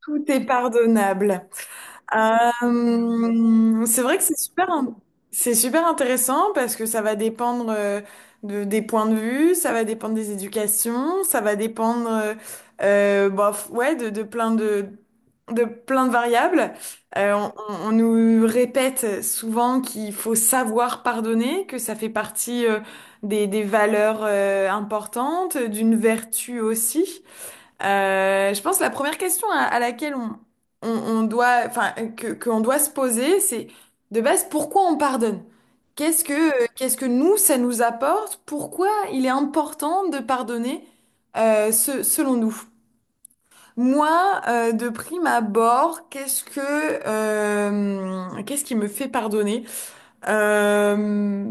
Tout est pardonnable. C'est vrai que c'est super intéressant parce que ça va dépendre des points de vue, ça va dépendre des éducations, ça va dépendre, bof, ouais, de plein de plein de variables. On nous répète souvent qu'il faut savoir pardonner, que ça fait partie des valeurs importantes, d'une vertu aussi. Je pense que la première question à laquelle on doit, enfin, qu'on doit se poser, c'est de base pourquoi on pardonne? Qu'est-ce que nous, ça nous apporte? Pourquoi il est important de pardonner, selon nous? Moi, de prime abord, qu'est-ce qui me fait pardonner? Euh,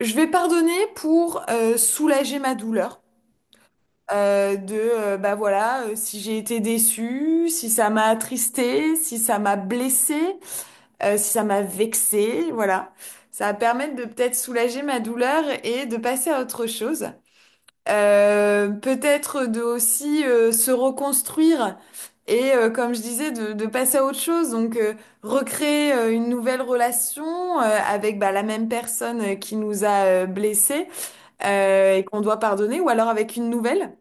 je vais pardonner pour, soulager ma douleur de bah voilà si j'ai été déçue, si ça m'a attristée, si ça m'a blessée, si ça m'a vexée, voilà. Ça va permettre de peut-être soulager ma douleur et de passer à autre chose. Peut-être de aussi se reconstruire et comme je disais de passer à autre chose donc recréer une nouvelle relation avec bah, la même personne qui nous a blessés et qu'on doit pardonner ou alors avec une nouvelle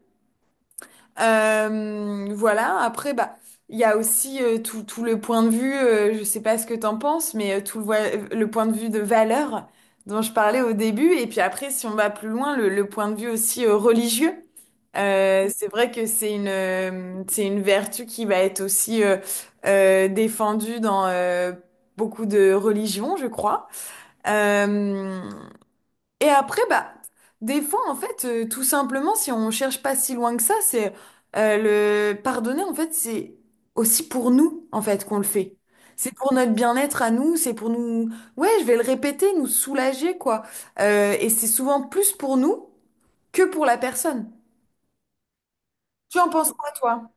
voilà, après, bah, il y a aussi tout, tout le point de vue, je sais pas ce que t'en penses, mais tout le point de vue de valeur dont je parlais au début, et puis après, si on va plus loin, le point de vue aussi religieux. C'est vrai que c'est une vertu qui va être aussi défendue dans beaucoup de religions, je crois. Euh, et après, bah, des fois, en fait, tout simplement, si on cherche pas si loin que ça, c'est le pardonner, en fait, c'est aussi pour nous, en fait, qu'on le fait. C'est pour notre bien-être à nous, c'est pour nous, ouais, je vais le répéter, nous soulager, quoi. Et c'est souvent plus pour nous que pour la personne. Tu en penses quoi, toi?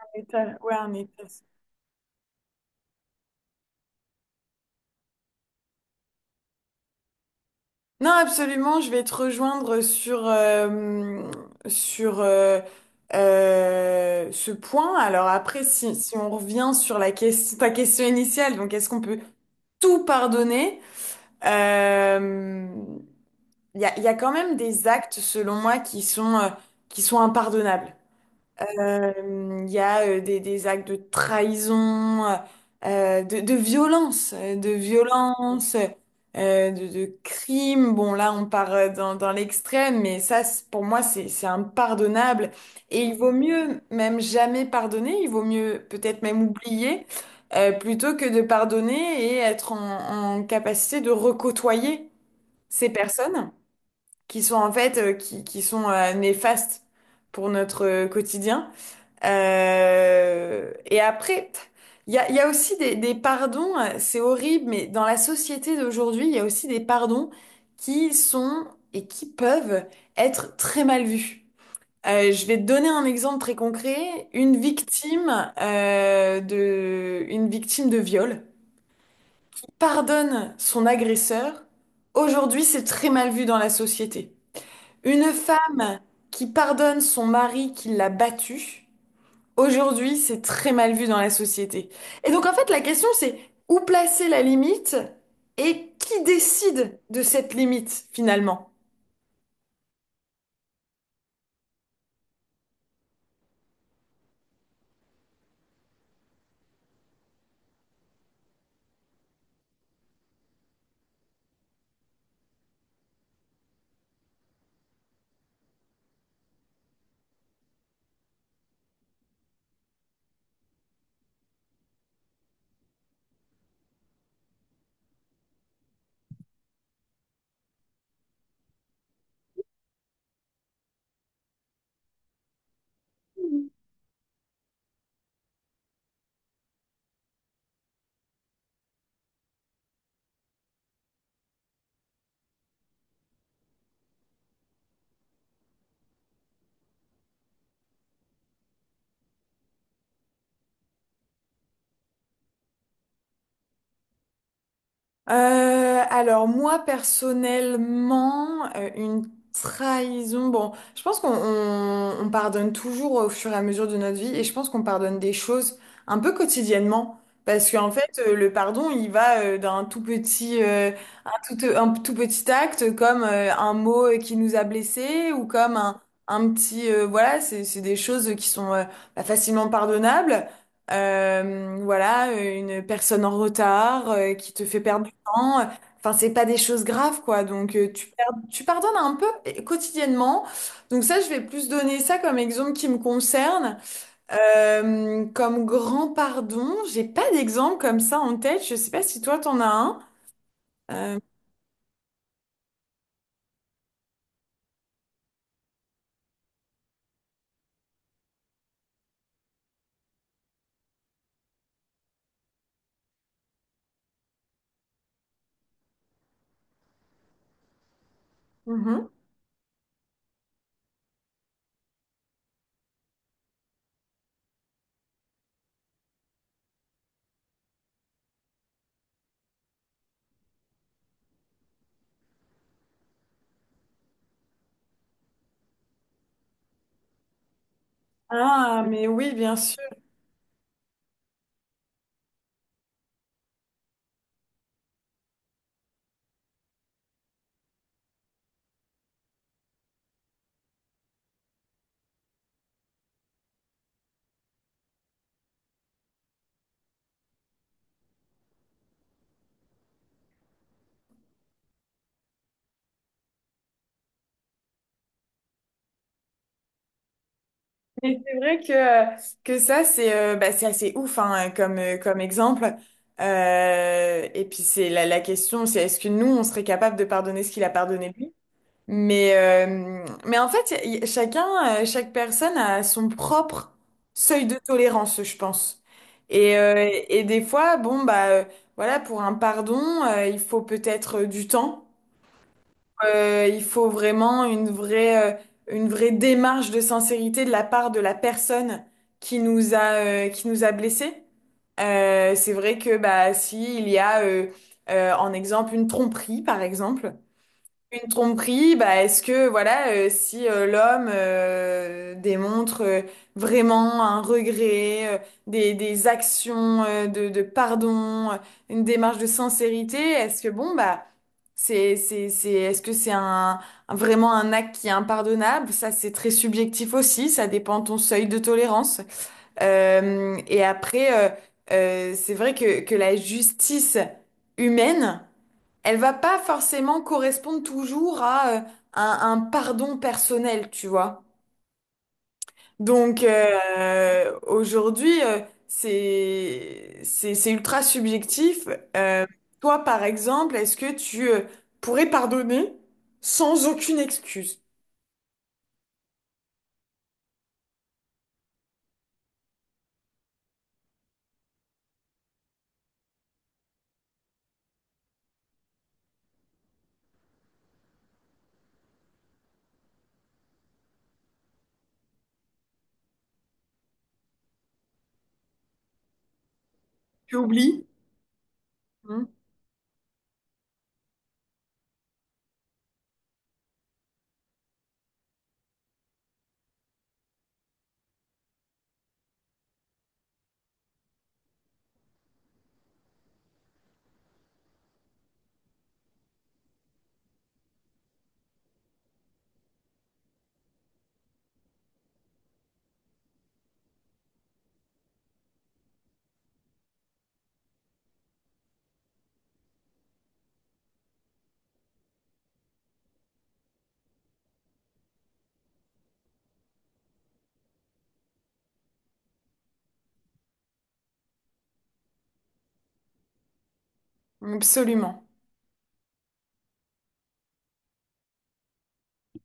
Un étal, ouais, un étal. Non, absolument, je vais te rejoindre sur, sur ce point. Alors après, si on revient sur la question, ta question initiale, donc est-ce qu'on peut tout pardonner? Euh, il y a quand même des actes, selon moi, qui sont impardonnables. Euh, Il y a des actes de trahison, de violence, de violence, de crimes. Bon, là, on part dans, dans l'extrême, mais pour moi, c'est impardonnable. Et il vaut mieux même jamais pardonner, il vaut mieux peut-être même oublier, plutôt que de pardonner et être en, en capacité de recôtoyer ces personnes qui sont en fait, qui sont néfastes pour notre quotidien. Et après, il y a aussi des pardons, c'est horrible, mais dans la société d'aujourd'hui, il y a aussi des pardons qui sont et qui peuvent être très mal vus. Je vais te donner un exemple très concret. Une victime, une victime de viol pardonne son agresseur. Aujourd'hui, c'est très mal vu dans la société. Une femme qui pardonne son mari qui l'a battue. Aujourd'hui, c'est très mal vu dans la société. Et donc, en fait, la question, c'est où placer la limite et qui décide de cette limite, finalement? Alors moi personnellement, une trahison, bon, je pense qu'on on pardonne toujours au fur et à mesure de notre vie et je pense qu'on pardonne des choses un peu quotidiennement parce qu'en fait le pardon il va d'un tout petit un tout petit acte comme un mot qui nous a blessés ou comme un petit voilà c'est des choses qui sont bah, facilement pardonnables. Voilà, une personne en retard qui te fait perdre hein, enfin, c'est pas des choses graves, quoi. Donc, tu pardonnes un peu quotidiennement. Donc, ça, je vais plus donner ça comme exemple qui me concerne. Comme grand pardon, j'ai pas d'exemple comme ça en tête. Je sais pas si toi, t'en as un. Euh, mhm. Ah, mais oui, bien sûr. Mais c'est vrai que ça, c'est bah, c'est assez ouf hein, comme, comme exemple. Et puis, c'est la question, c'est est-ce que nous, on serait capable de pardonner ce qu'il a pardonné lui? Mais en fait, chacun, chaque personne a son propre seuil de tolérance, je pense. Et des fois, bon, bah, voilà, pour un pardon, il faut peut-être du temps. Il faut vraiment une vraie démarche de sincérité de la part de la personne qui nous a, qui nous a blessés. C'est vrai que bah, si il y a, en exemple, une tromperie, par exemple, une tromperie, bah, est-ce que voilà, si l'homme démontre vraiment un regret, des actions de pardon, une démarche de sincérité, est-ce que bon bah c'est est-ce que c'est un vraiment un acte qui est impardonnable? Ça c'est très subjectif aussi, ça dépend de ton seuil de tolérance. Et après, c'est vrai que la justice humaine elle va pas forcément correspondre toujours à un pardon personnel, tu vois. Donc aujourd'hui, c'est ultra subjectif. Euh, Toi, par exemple, est-ce que tu pourrais pardonner sans aucune excuse? Tu oublies? Hmm, absolument.